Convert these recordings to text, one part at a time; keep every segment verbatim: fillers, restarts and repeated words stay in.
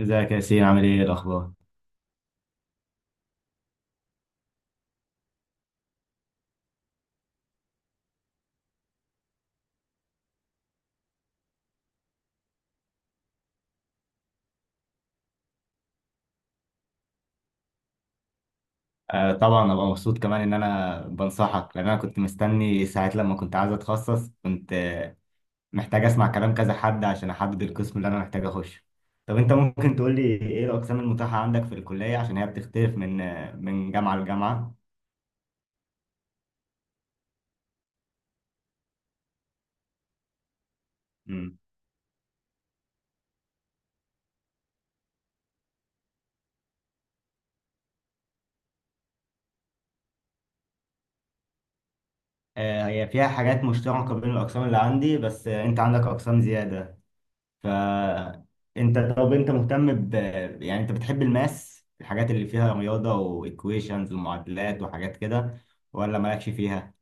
ازيك يا ياسين؟ عامل ايه الاخبار؟ آه، طبعا ابقى مبسوط كمان ان انا بنصحك، لان انا كنت مستني ساعات لما كنت عايز اتخصص. كنت آه، محتاج اسمع كلام كذا حد عشان احدد القسم اللي انا محتاج اخش. طب انت ممكن تقول لي ايه الاقسام المتاحه عندك في الكليه؟ عشان هي بتختلف من آه، من جامعه لجامعه. امم. آه هي فيها حاجات مشتركه بين الاقسام اللي عندي، بس آه، انت عندك اقسام زياده. فانت طب انت مهتم ب، يعني انت بتحب الماس، الحاجات اللي فيها رياضه وايكويشنز ومعادلات وحاجات كده، ولا مالكش فيها؟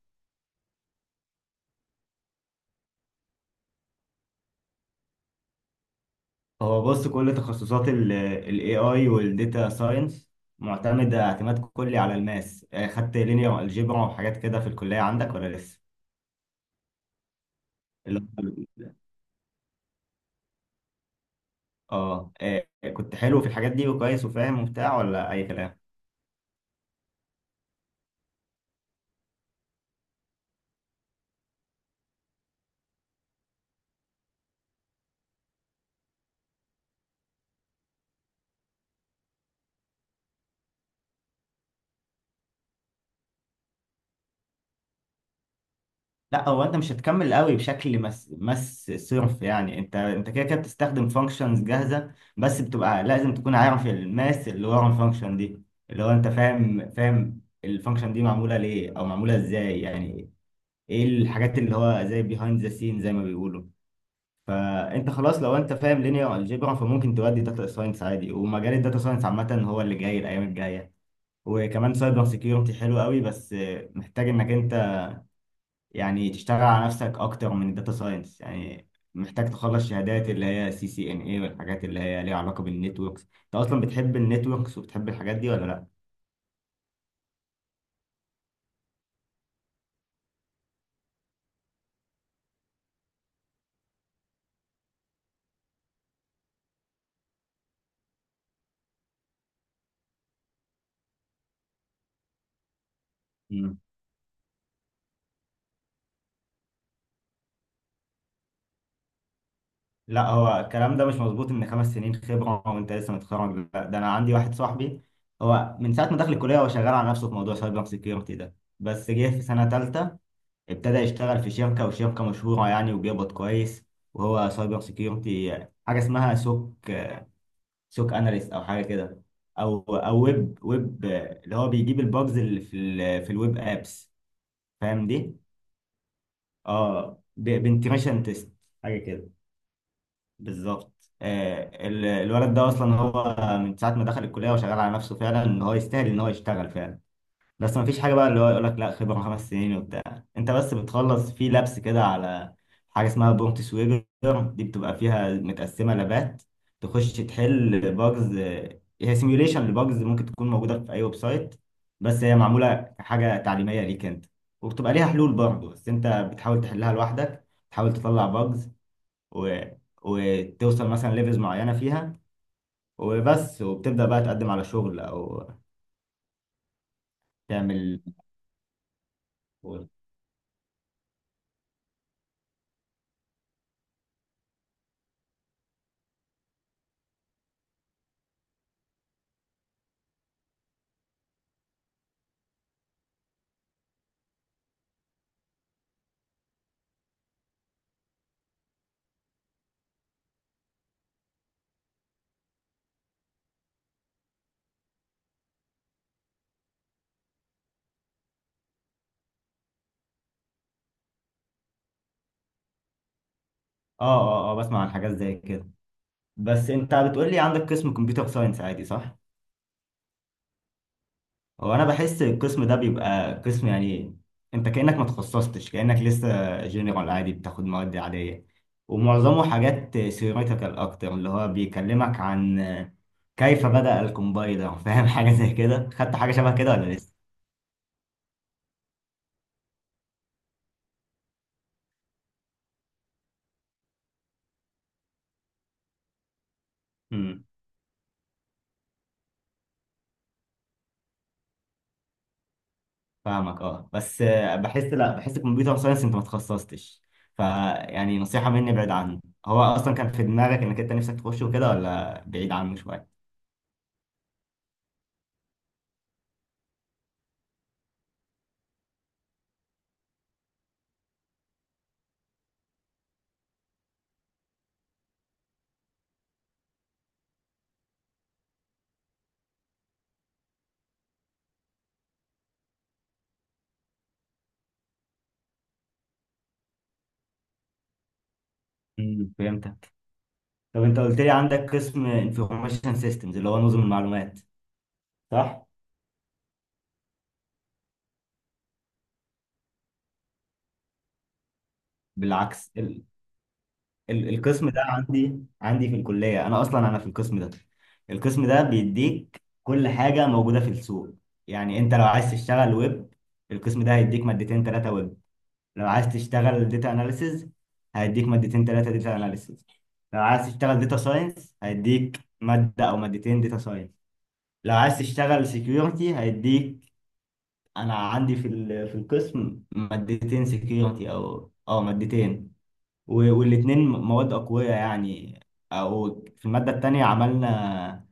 هو بص، كل تخصصات الاي اي والديتا ساينس معتمده اعتماد كلي على الماس. آه، خدت لينير الجبرا وحاجات كده في الكليه عندك، ولا لسه؟ اللي هو- اه آه، كنت حلو في الحاجات دي وكويس وفاهم وبتاع، ولا اي كلام؟ لا، هو انت مش هتكمل قوي بشكل مس مس صرف. يعني انت انت كده كده بتستخدم فانكشنز جاهزه، بس بتبقى لازم تكون عارف الماس اللي ورا الفانكشن دي. اللي هو انت فاهم فاهم الفانكشن دي معموله ليه او معموله ازاي، يعني ايه الحاجات اللي هو زي بيهايند ذا سين زي ما بيقولوا. فانت خلاص، لو انت فاهم لينير الجبرا، فممكن تودي داتا ساينس عادي. ومجال الداتا ساينس عامه هو اللي جاي الايام الجايه. وكمان سايبر سيكيورتي حلو قوي، بس محتاج انك يعني تشتغل على نفسك اكتر من الداتا ساينس يعني. محتاج تخلص شهادات اللي هي سي سي ان اي، والحاجات اللي هي ليها علاقة بالنتوركس. انت اصلا بتحب النتوركس وبتحب الحاجات دي ولا لا؟ مم. لا، هو الكلام ده مش مظبوط، ان خمس سنين خبرة وانت لسه متخرج، لا. ده انا عندي واحد صاحبي، هو من ساعة ما دخل الكلية هو شغال على نفسه في موضوع سايبر سيكيورتي ده. بس جه في سنة تالتة، ابتدى يشتغل في شركة، وشركة مشهورة يعني، وبيقبض كويس. وهو سايبر سيكيورتي حاجة اسمها سوك، سوك اناليست او حاجه كده. او او ويب ويب اللي هو بيجيب الباجز اللي في ال في الويب ابس. فاهم دي؟ اه بنتيميشن تيست حاجه كده. بالظبط. آه ال- الولد ده اصلا هو من ساعه ما دخل الكليه وشغال على نفسه، فعلا ان هو يستاهل ان هو يشتغل فعلا. بس ما فيش حاجة بقى اللي هو يقول لك لا خبرة خمس سنين وبتاع. انت بس بتخلص في لابس كده على حاجة اسمها برومبت سويبر. دي بتبقى فيها متقسمة لابات. تخش تحل باجز. هي سيميوليشن لباجز ممكن تكون موجودة في أي ويب سايت، بس هي معمولة حاجة تعليمية ليك انت. وبتبقى ليها حلول برضه، بس انت بتحاول تحلها لوحدك. تحاول تطلع باجز و... وتوصل مثلا ليفلز معينة فيها. وبس، وبتبدأ بقى تقدم على شغل أو تعمل. اه، اه، اه، بسمع عن حاجات زي كده. بس انت بتقول لي عندك قسم كمبيوتر ساينس عادي، صح؟ هو انا بحس القسم ده بيبقى قسم يعني انت كأنك ما تخصصتش، كأنك لسه جنرال عادي، بتاخد مواد عادية، ومعظمه حاجات ثيوريتيكال اكتر، اللي هو بيكلمك عن كيف بدأ الكومبايلر، فاهم حاجة زي كده؟ خدت حاجة شبه كده ولا لسه؟ فاهمك. اه، بس آه، بحس، لا، بحس الكمبيوتر ساينس انت ما تخصصتش. فيعني نصيحة مني ابعد عنه. هو اصلا كان في دماغك انك انت نفسك تخشه وكده، ولا بعيد عنه شوية؟ امم. فهمتك. طب انت قلت لي عندك قسم انفورميشن سيستمز اللي هو نظم المعلومات، صح؟ بالعكس، ال ال القسم ده عندي، عندي في الكلية. انا اصلا انا في القسم ده. القسم ده بيديك كل حاجة موجودة في السوق. يعني انت لو عايز تشتغل ويب، القسم ده هيديك مادتين ثلاثة ويب. لو عايز تشتغل داتا اناليسز، هيديك مادتين ثلاثه داتا اناليسز. لو عايز تشتغل داتا ساينس، هيديك ماده او مادتين داتا ساينس. لو عايز تشتغل سيكيورتي، هيديك، انا عندي في ال- في القسم مادتين سيكيورتي، او اه مادتين. والاثنين مواد اقوياء يعني. او في الماده الثانيه عملنا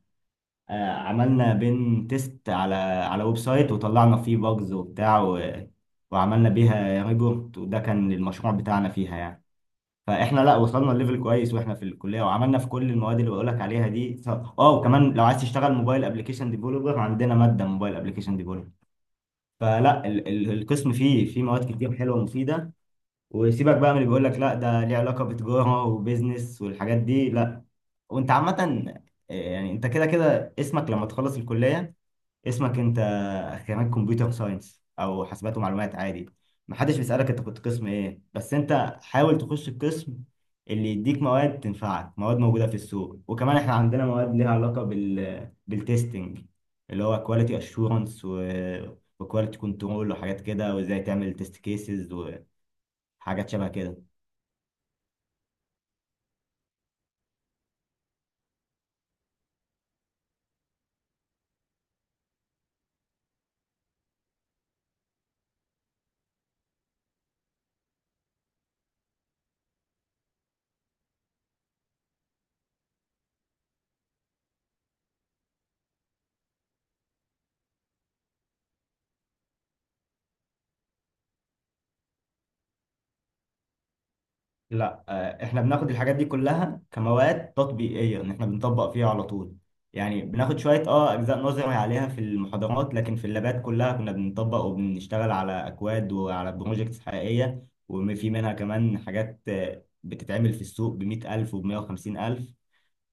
آه، عملنا بين تيست على على ويب سايت، وطلعنا فيه باجز وبتاع و- وعملنا بيها ريبورت. وده كان المشروع بتاعنا فيها يعني. فاحنا، لا، وصلنا لليفل كويس واحنا في الكليه، وعملنا في كل المواد اللي بقولك عليها دي، ف- اه وكمان لو عايز تشتغل موبايل ابلكيشن ديفلوبر، عندنا ماده موبايل ابلكيشن ديفلوبر. فلا، ال ال القسم فيه فيه مواد كتير حلوه ومفيده. وسيبك بقى من اللي بيقولك لا ده ليه علاقه بتجاره وبيزنس والحاجات دي، لا. وانت عامه آه، يعني انت كده كده اسمك لما تخلص الكليه، اسمك انت خريج كمبيوتر ساينس او حاسبات ومعلومات عادي. محدش بيسألك انت كنت قسم ايه. بس انت حاول تخش القسم اللي يديك مواد تنفعك، مواد موجودة في السوق. وكمان احنا عندنا مواد ليها علاقة بال بالتستنج، اللي هو كواليتي اشورنس وكواليتي كنترول وحاجات كده، وازاي تعمل تيست كيسز وحاجات شبه كده. لا، آه، احنا بناخد الحاجات دي كلها كمواد تطبيقيه، ان احنا بنطبق فيها على طول. يعني بناخد شويه اه اجزاء نظري عليها في المحاضرات، لكن في اللابات كلها كنا بنطبق وبنشتغل على اكواد وعلى بروجكتس حقيقيه. وفي منها كمان حاجات آه، بتتعمل في السوق ب مئة ألف وب مية وخمسين ألف.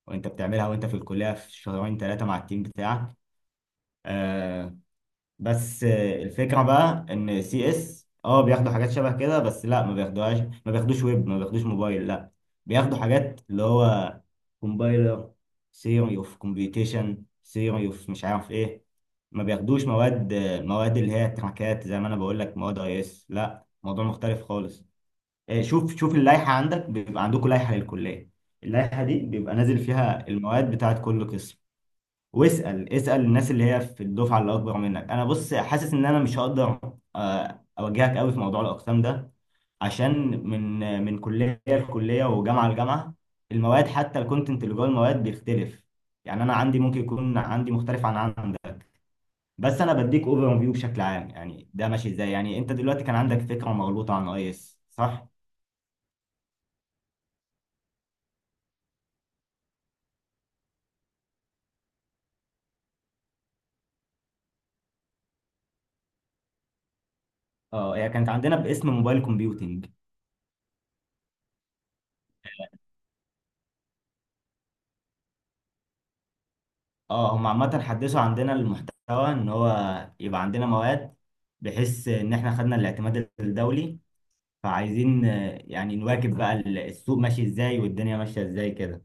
وانت بتعملها وانت في الكليه في شهرين ثلاثه مع التيم بتاعك. آه، بس آه، الفكرة بقى ان سي اس اه بياخدوا حاجات شبه كده، بس لا ما بياخدوهاش. ما بياخدوش ويب، ما بياخدوش موبايل، لا. بياخدوا حاجات اللي هو كومبايلر، ثيوري اوف كومبيوتيشن، ثيوري اوف مش عارف ايه. ما بياخدوش مواد آه، مواد اللي هي تراكات زي ما انا بقول لك، مواد اي اس. لا، موضوع مختلف خالص. آه، شوف شوف اللائحة عندك، بيبقى عندكم لائحة للكلية. اللائحة دي بيبقى نازل فيها المواد بتاعت كل قسم. واسأل اسأل الناس اللي هي في الدفعة اللي أكبر منك. أنا بص حاسس إن أنا مش هقدر آه، أوجهك قوي في موضوع الأقسام ده، عشان من من كلية لكلية وجامعة لجامعة، المواد حتى الكونتنت اللي جوه المواد بيختلف. يعني أنا عندي ممكن يكون عندي مختلف عن عندك. بس أنا بديك أوفر فيو بشكل عام، يعني ده ماشي إزاي. يعني أنت دلوقتي كان عندك فكرة مغلوطة عن أي إس، صح؟ اه، هي كانت عندنا باسم موبايل كومبيوتنج. اه، هم عامة حدثوا عندنا المحتوى، ان هو يبقى عندنا مواد بحيث ان احنا خدنا الاعتماد الدولي. فعايزين آه، يعني نواكب بقى ال- السوق ماشي ازاي والدنيا ماشية ازاي كده.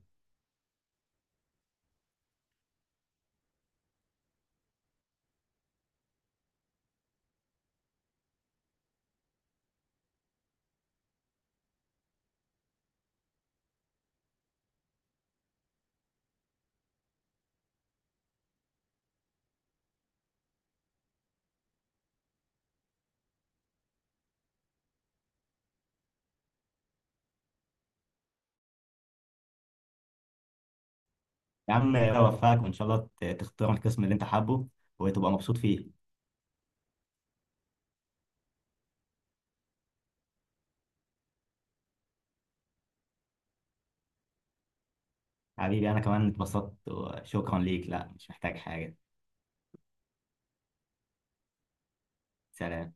يا عم، اوفقك وان شاء الله ت- تختار القسم اللي انت حابه وتبقى مبسوط فيه. حبيبي، انا كمان اتبسطت وشكرا ليك. لا، مش محتاج حاجة. سلام.